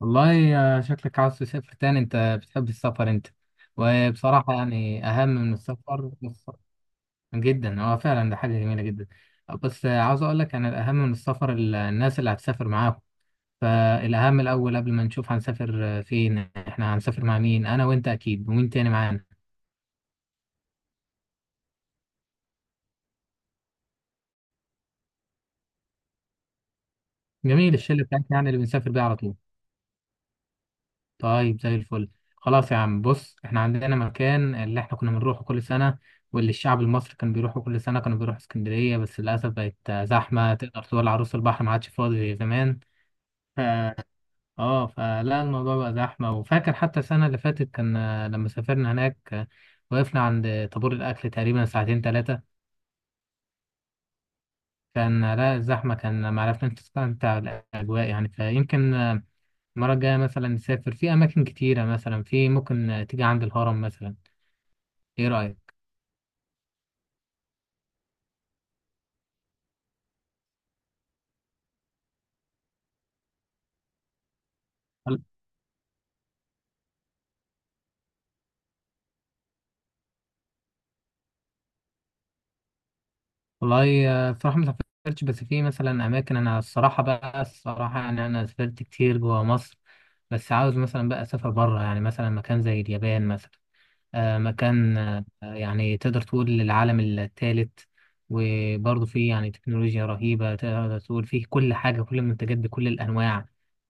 والله شكلك عاوز تسافر تاني انت. بتحب السفر انت. وبصراحة يعني اهم من السفر جدا هو فعلا ده حاجة جميلة جدا. بس عاوز اقول لك انا الاهم من السفر الناس اللي هتسافر معاهم. فالاهم الاول قبل ما نشوف هنسافر فين احنا هنسافر مع مين، انا وانت اكيد ومين تاني معانا. جميل، الشلة بتاعتنا يعني اللي بنسافر بيها على طول. طيب زي الفل. خلاص يا عم، بص احنا عندنا مكان اللي احنا كنا بنروحه كل سنة، واللي الشعب المصري كان بيروحه كل سنة. كانوا بيروحوا اسكندرية بس للأسف بقت زحمة. تقدر تقول عروس البحر ما عادش فاضي زي زمان. ف... اه فلا الموضوع بقى زحمة. وفاكر حتى السنة اللي فاتت كان لما سافرنا هناك، وقفنا عند طابور الأكل تقريبا ساعتين ثلاثة. كان لا الزحمة، كان ما عرفناش نستمتع بالأجواء يعني. فيمكن المرة الجاية مثلا نسافر في أماكن كتيرة، مثلا في ممكن تيجي عند الهرم مثلا. ايه رأيك؟ وال- والله بصراحة ما سافرتش، بس في مثلا اماكن. انا الصراحة بقى الصراحة يعني انا سافرت كتير جوا مصر، بس عاوز مثلا بقى اسافر بره يعني، مثلا مكان زي اليابان مثلا. مكان يعني تقدر تقول العالم الثالث. وبرضه فيه يعني تكنولوجيا رهيبة، تقدر تقول فيه كل حاجة، كل المنتجات بكل الأنواع.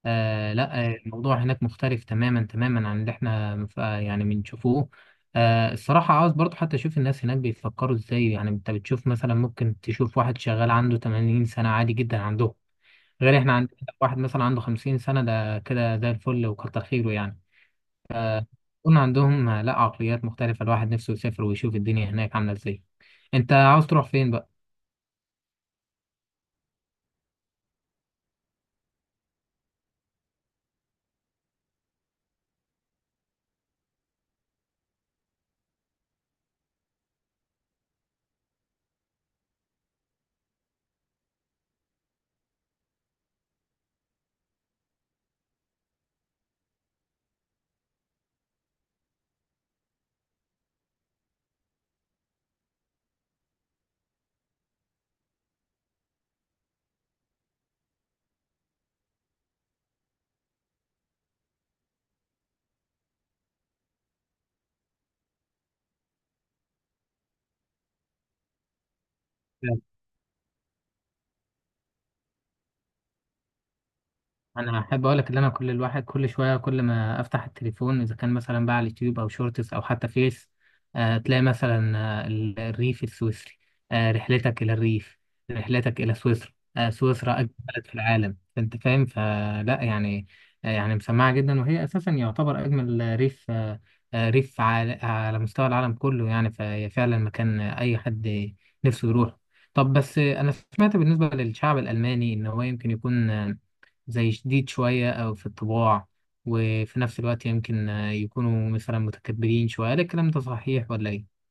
آه لا آه، الموضوع هناك مختلف تماما تماما عن اللي احنا يعني بنشوفوه. الصراحة عاوز برضه حتى أشوف الناس هناك بيفكروا إزاي. يعني أنت بتشوف مثلا، ممكن تشوف واحد شغال عنده 80 سنة عادي جدا عندهم. غير احنا عندنا واحد مثلا عنده 50 سنة ده كده زي الفل وكتر خيره يعني. يكون عندهم لا عقليات مختلفة. الواحد نفسه يسافر ويشوف الدنيا هناك عاملة ازاي. انت عاوز تروح فين بقى؟ انا احب اقول لك ان انا كل، الواحد كل شويه كل ما افتح التليفون، اذا كان مثلا بقى على اليوتيوب او شورتس او حتى فيس، تلاقي مثلا الريف السويسري. رحلتك الى الريف. رحلتك الى سويسرا. سويسرا اجمل بلد في العالم، فانت فاهم فلا يعني. يعني مسمعه جدا، وهي اساسا يعتبر اجمل ريف. ريف على مستوى العالم كله يعني. فهي فعلا مكان اي حد نفسه يروح. طب بس انا سمعت بالنسبه للشعب الالماني ان هو يمكن يكون زي شديد شوية أو في الطباع، وفي نفس الوقت يمكن يكونوا مثلا متكبرين شوية. هل الكلام ده صحيح ولا إيه؟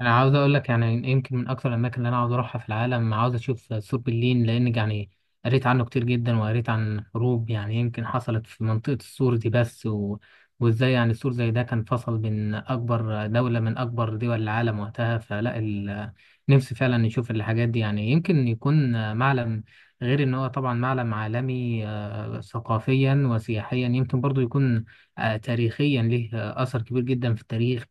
انا عاوز اقول لك يعني يمكن من اكثر الاماكن اللي انا عاوز اروحها في العالم، عاوز اشوف سور برلين. لان يعني قريت عنه كتير جدا، وقريت عن حروب يعني يمكن حصلت في منطقة السور دي. بس وازاي يعني السور زي ده كان فصل بين اكبر دولة من اكبر دول العالم وقتها. فلا نفسي فعلا نشوف الحاجات دي. يعني يمكن يكون معلم. غير ان هو طبعا معلم عالمي ثقافيا وسياحيا. يمكن برضو يكون تاريخيا ليه اثر كبير جدا في التاريخ.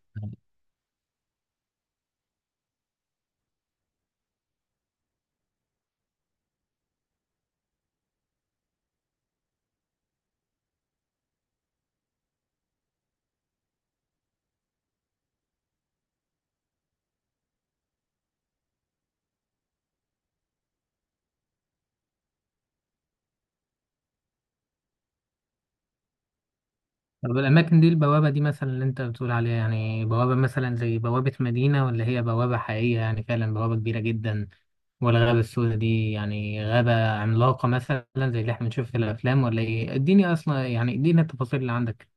طب الأماكن دي، البوابة دي مثلا اللي أنت بتقول عليها، يعني بوابة مثلا زي بوابة مدينة، ولا هي بوابة حقيقية يعني فعلا بوابة كبيرة جدا؟ والغابة السوداء دي يعني غابة عملاقة مثلا زي اللي احنا بنشوف في الأفلام ولا إيه؟ اديني أصلا، يعني اديني التفاصيل اللي عندك.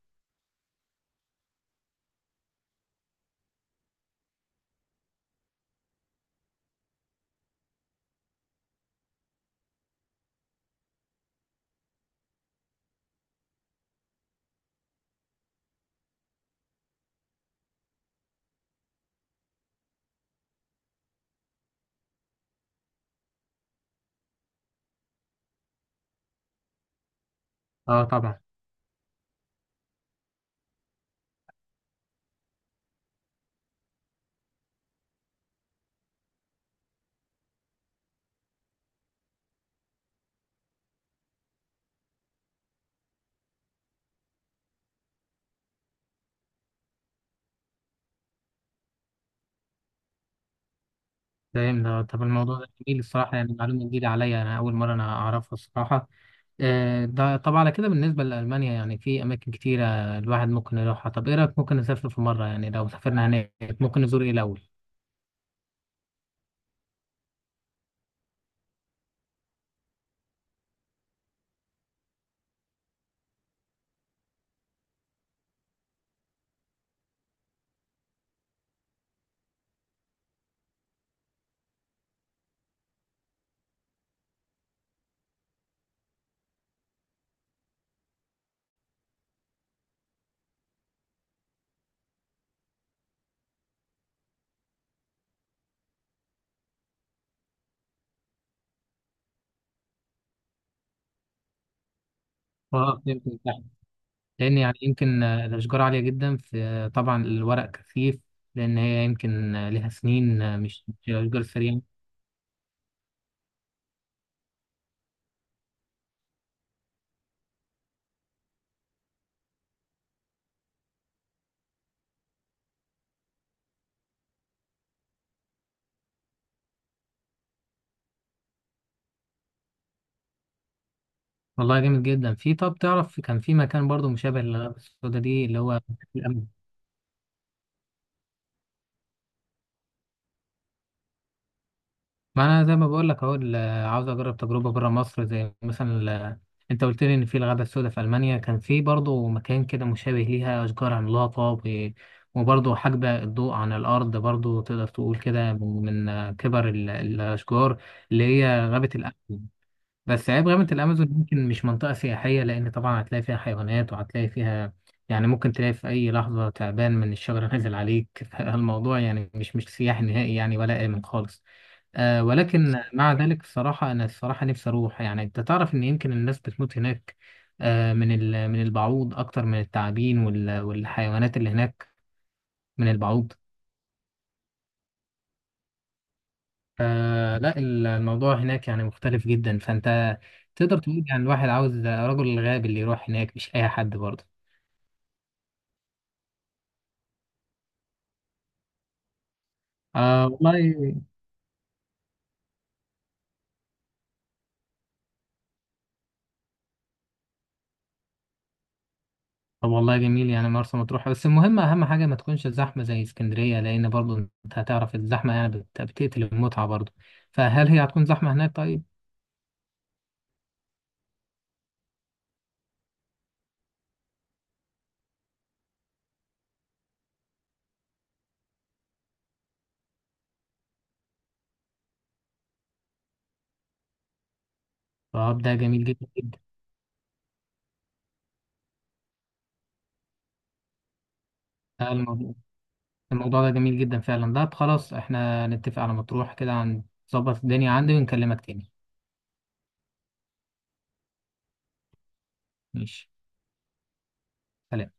أه طبعا. فاهم ده. طب الموضوع ده جميل الصراحة، يعني معلومة جديدة عليا. أنا أول مرة أنا أعرفها الصراحة. ده طب على كده بالنسبة لألمانيا يعني في أماكن كتيرة الواحد ممكن يروحها. طب إيه رأيك ممكن نسافر في مرة؟ يعني لو سافرنا هناك ممكن نزور إيه الأول؟ اه فهمت. لان يعني يمكن الاشجار عاليه جدا، في طبعا الورق كثيف. لان هي يمكن لها سنين مش الاشجار السريعه. والله جامد جدا. في طب تعرف كان في مكان برضو مشابه للغابه السوداء دي، اللي هو الامن. ما انا زي ما بقول لك اهو عاوز اجرب تجربه بره مصر، زي مثلا انت قلت لي ان في الغابه السوداء في المانيا، كان في برضو مكان كده مشابه ليها، اشجار عملاقه وبرضو حاجبه الضوء عن الارض. برضو تقدر تقول كده من من، آه، كبر الاشجار، اللي هي غابه الامن. بس عيب غابة الأمازون يمكن مش منطقة سياحية، لأن طبعا هتلاقي فيها حيوانات وهتلاقي فيها، يعني ممكن تلاقي في أي لحظة تعبان من الشجرة نازل عليك فالموضوع يعني مش سياحي نهائي يعني، ولا آمن خالص. ولكن مع ذلك الصراحة، أنا الصراحة نفسي أروح. يعني أنت تعرف إن يمكن الناس بتموت هناك من من البعوض أكتر من التعابين والحيوانات اللي هناك. من البعوض. لا الموضوع هناك يعني مختلف جدا. فانت تقدر تقول يعني الواحد عاوز رجل غاب اللي يروح هناك، مش اي حد برضه. والله. طب والله جميل يعني مرسى مطروح. بس المهم اهم حاجه ما تكونش الزحمه زي اسكندريه، لان برضه انت هتعرف الزحمه يعني بتقتل المتعه برضه. فهل هي هتكون زحمه هناك؟ طيب. طب ده جميل جدا جدا. آه، الموضوع الموضوع ده جميل جدا فعلا. ده خلاص احنا نتفق على مطروح كده. هنظبط الدنيا عندي ونكلمك تاني. ماشي، سلام.